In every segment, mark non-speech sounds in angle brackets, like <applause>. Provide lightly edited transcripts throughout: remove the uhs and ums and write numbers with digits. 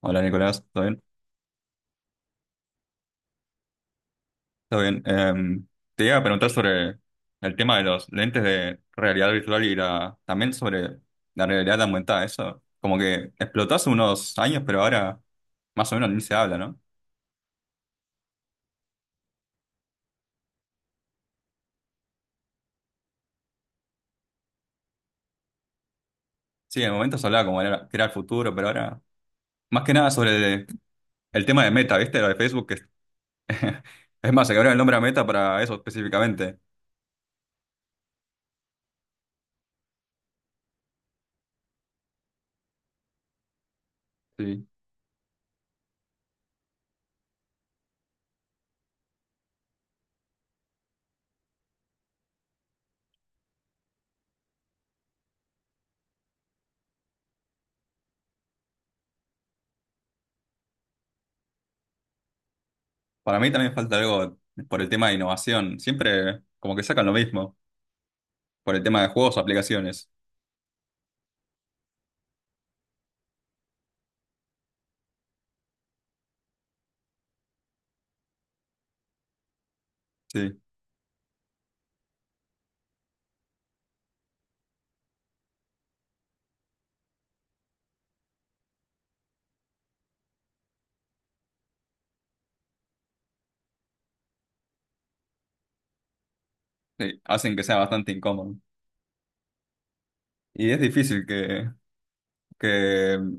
Hola Nicolás, ¿todo bien? ¿Todo bien? Te iba a preguntar sobre el tema de los lentes de realidad virtual y la, también sobre la realidad aumentada. Eso como que explotó hace unos años, pero ahora más o menos ni se habla, ¿no? Sí, en el momento se hablaba como era, que era el futuro, pero ahora más que nada sobre el tema de Meta, ¿viste? Lo de Facebook, que <laughs> es, más, se cambiaron el nombre a Meta para eso específicamente. Sí. Para mí también falta algo por el tema de innovación, siempre como que sacan lo mismo, por el tema de juegos o aplicaciones. Sí, sí, hacen que sea bastante incómodo. Y es difícil que, mm,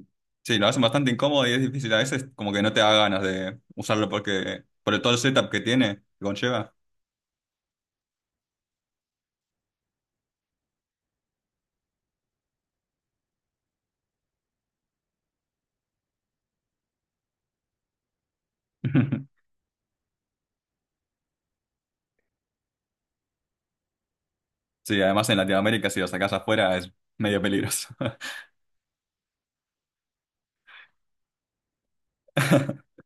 sí, lo hacen bastante incómodo y es difícil. A veces como que no te da ganas de usarlo porque, por todo el setup que tiene, que conlleva. <laughs> Sí, además en Latinoamérica si lo sacás afuera es medio peligroso. <laughs>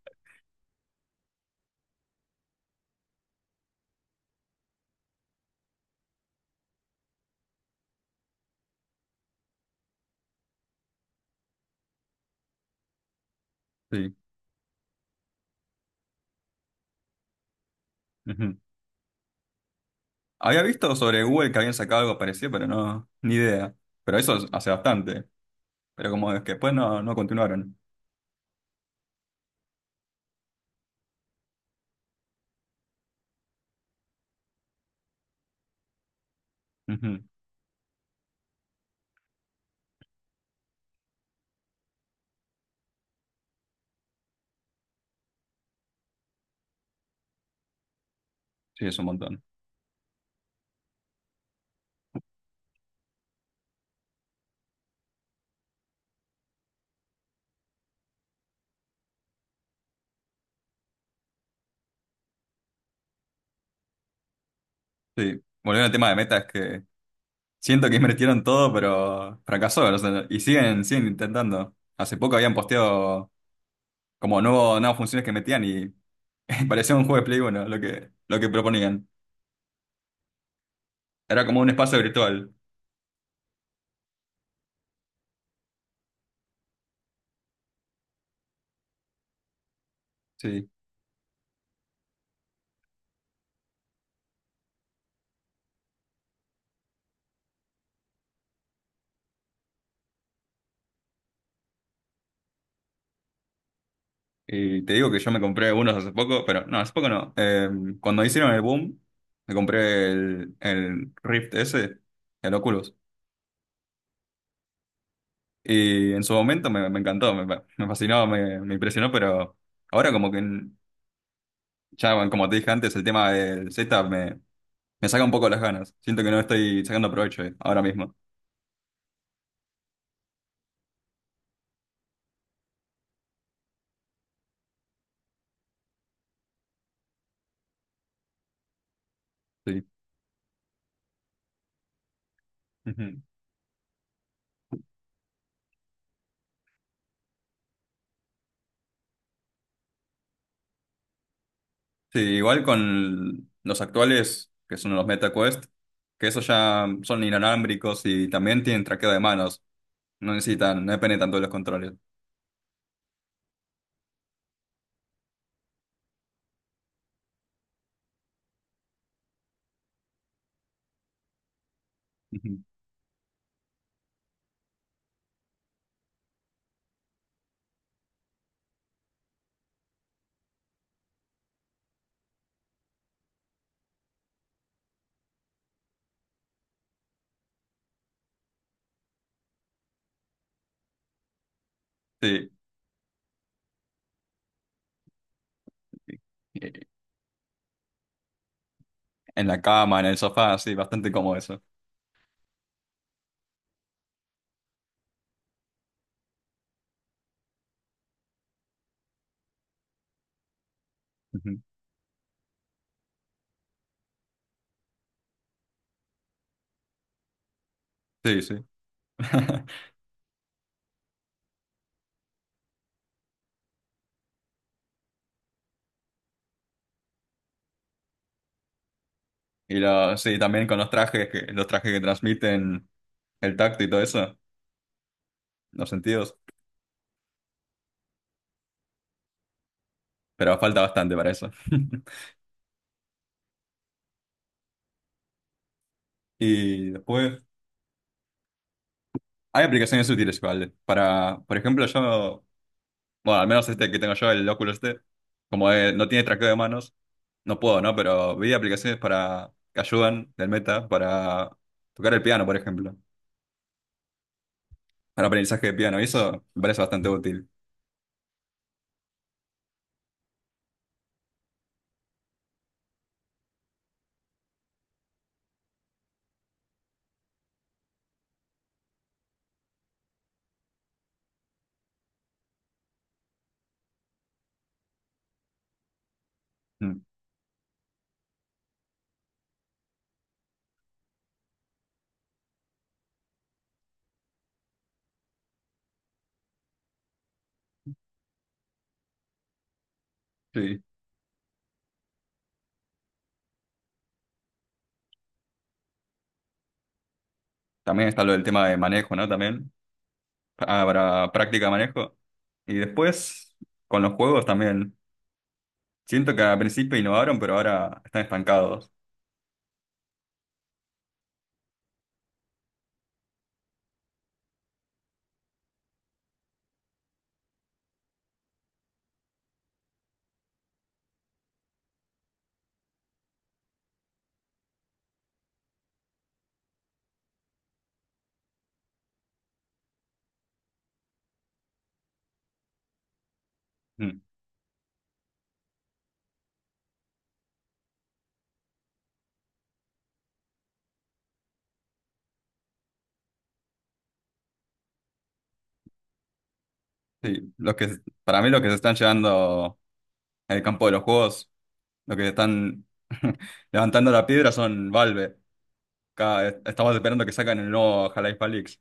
Sí. Ujú. Había visto sobre Google que habían sacado algo parecido, pero no, ni idea. Pero eso es- hace bastante. Pero como es que después no, no continuaron. Ujú. Sí, es un montón. Sí. Volviendo al tema de Meta, es que siento que invirtieron todo, pero fracasó. O sea, y siguen, siguen intentando. Hace poco habían posteado como nuevo, nuevas funciones que metían y <laughs> parecía un juego de Play 1 lo que proponían. Era como un espacio virtual. Sí. Y te digo que yo me compré unos hace poco, pero no, hace poco no. Cuando hicieron el boom, me compré el Rift S, el Oculus. Y en su momento me, me encantó, me fascinó, me impresionó, pero ahora como que ya, bueno, como te dije antes, el tema del setup me saca un poco las ganas. Siento que no estoy sacando provecho ahora mismo. Sí. Ujú. Sí, igual con los actuales, que son los MetaQuest, que esos ya son inalámbricos y también tienen traqueo de manos. No necesitan, no dependen tanto de los controles. Ujú. Sí. Eh, En la cama, en el sofá, sí, bastante cómodo eso. Ujú. Sí, sí. <laughs> Y lo, sí, también con los trajes que transmiten el tacto y todo eso, los sentidos, pero falta bastante para eso. <laughs> Y después, hay aplicaciones útiles igual. Para, por ejemplo, yo, bueno, al menos este que tengo yo, el Oculus este, como no tiene traqueo de manos, no puedo, ¿no? Pero vi aplicaciones para que ayudan del Meta para tocar el piano, por ejemplo, para aprendizaje de piano. Y eso me parece bastante útil. Mm. Sí. También está lo del tema de manejo, ¿no? También ah, para práctica de manejo. Y después, con los juegos también. Siento que al principio innovaron, pero ahora están estancados. Mm. Sí. Los que, para mí, los que se están llevando el campo de los juegos, lo que están <laughs> levantando la piedra son Valve. Cada- estamos esperando que saquen el nuevo Half-Life Alyx.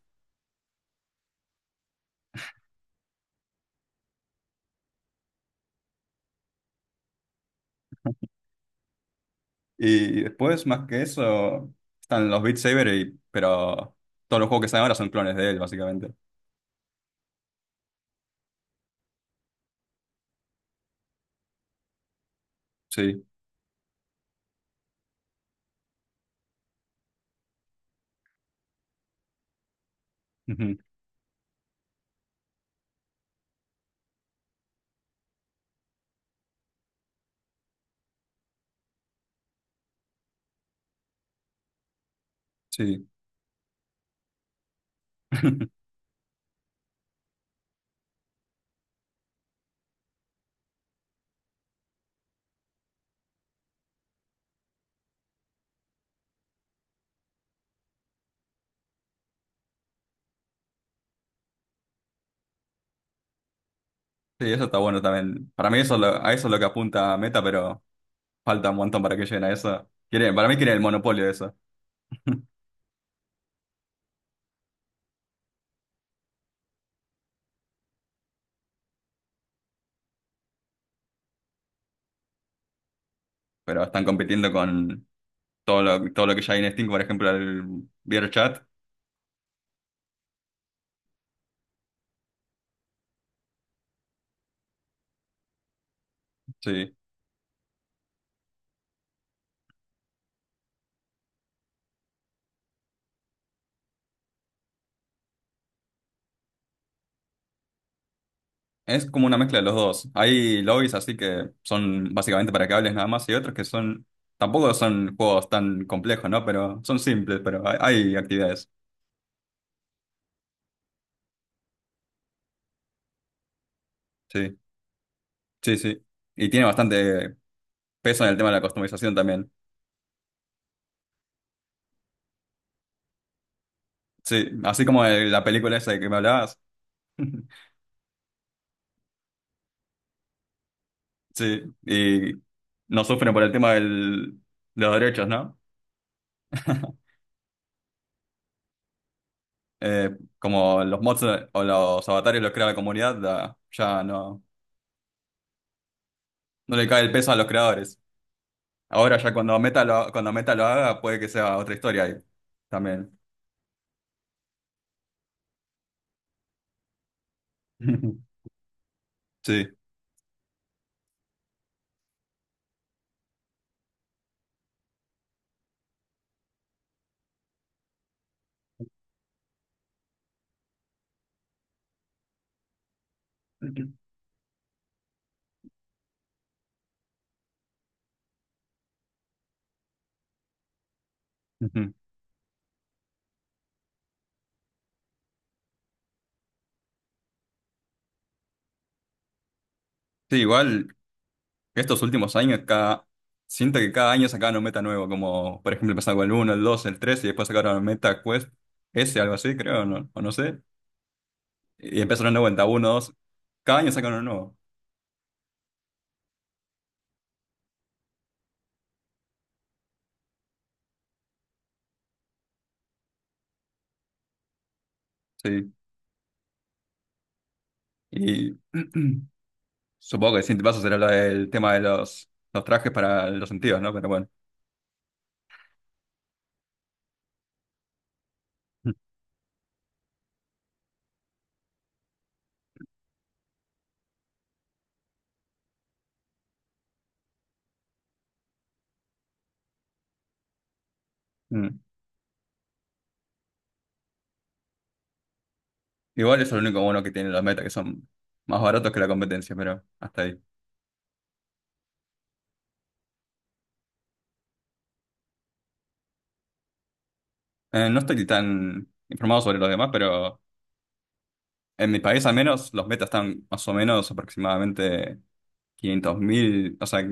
Y después, más que eso, están los Beat Saber, y- pero todos los juegos que salen ahora son clones de él, básicamente. Sí, ujú. Sí. <laughs> Sí, eso está bueno también. Para mí eso es lo- a eso es lo que apunta Meta, pero falta un montón para que lleguen a eso. Quieren, para mí quieren el monopolio de eso. <laughs> Pero están compitiendo con todo lo que ya hay en Steam, por ejemplo, el VRChat. Sí. Es como una mezcla de los dos. Hay lobbies así que son básicamente para que hables nada más y otros que son, tampoco son juegos tan complejos, ¿no? Pero son simples, pero hay actividades. Sí, sí, sí. Y tiene bastante peso en el tema de la customización también. Sí, así como el- la película esa de que me hablabas. <laughs> Sí, y no sufren por el tema del, de los derechos, ¿no? Eh, Como los mods o los avatares los crea la comunidad, la- ya no, no le cae el peso a los creadores. Ahora ya cuando Meta lo haga, puede que sea otra historia ahí también. <laughs> Sí. Ujú. Sí, igual estos últimos años, cada, siento que cada año sacaban un meta nuevo, como por ejemplo empezaron con el uno el 2 el 3 y después sacaron el Meta Quest S, algo así, creo, no, o no sé. Y empezaron de vuelta, uno dos. Cada año sacaron uno nuevo, sí. Y <clears throat> supongo que el siguiente paso será lo del tema de los trajes para los sentidos, ¿no? Pero bueno. <laughs> Igual eso es lo único bueno que tienen los meta, que son más baratos que la competencia, pero hasta ahí. No estoy tan informado sobre los demás, pero en mi país al menos los metas están más o menos aproximadamente 500 mil, o sea,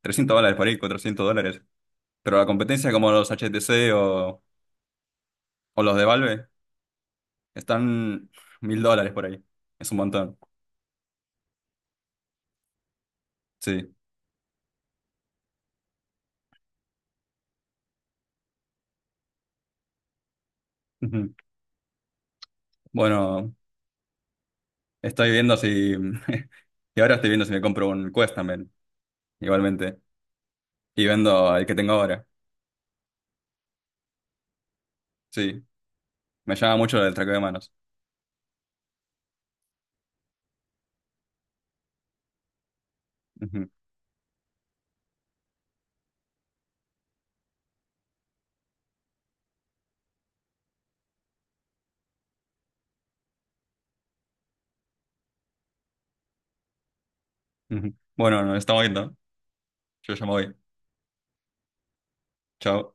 300 dólares por ahí, 400 dólares. Pero la competencia como los HTC o los de Valve están mil dólares por ahí. Es un montón, sí. Ujú. Bueno, estoy viendo si... <laughs> Y ahora estoy viendo si me compro un Quest también, igualmente. Y vendo el que tengo ahora. Sí, me llama mucho el traqueo de manos. Ujú, ujú. Bueno, nos estamos viendo. Yo ya me voy. Chao.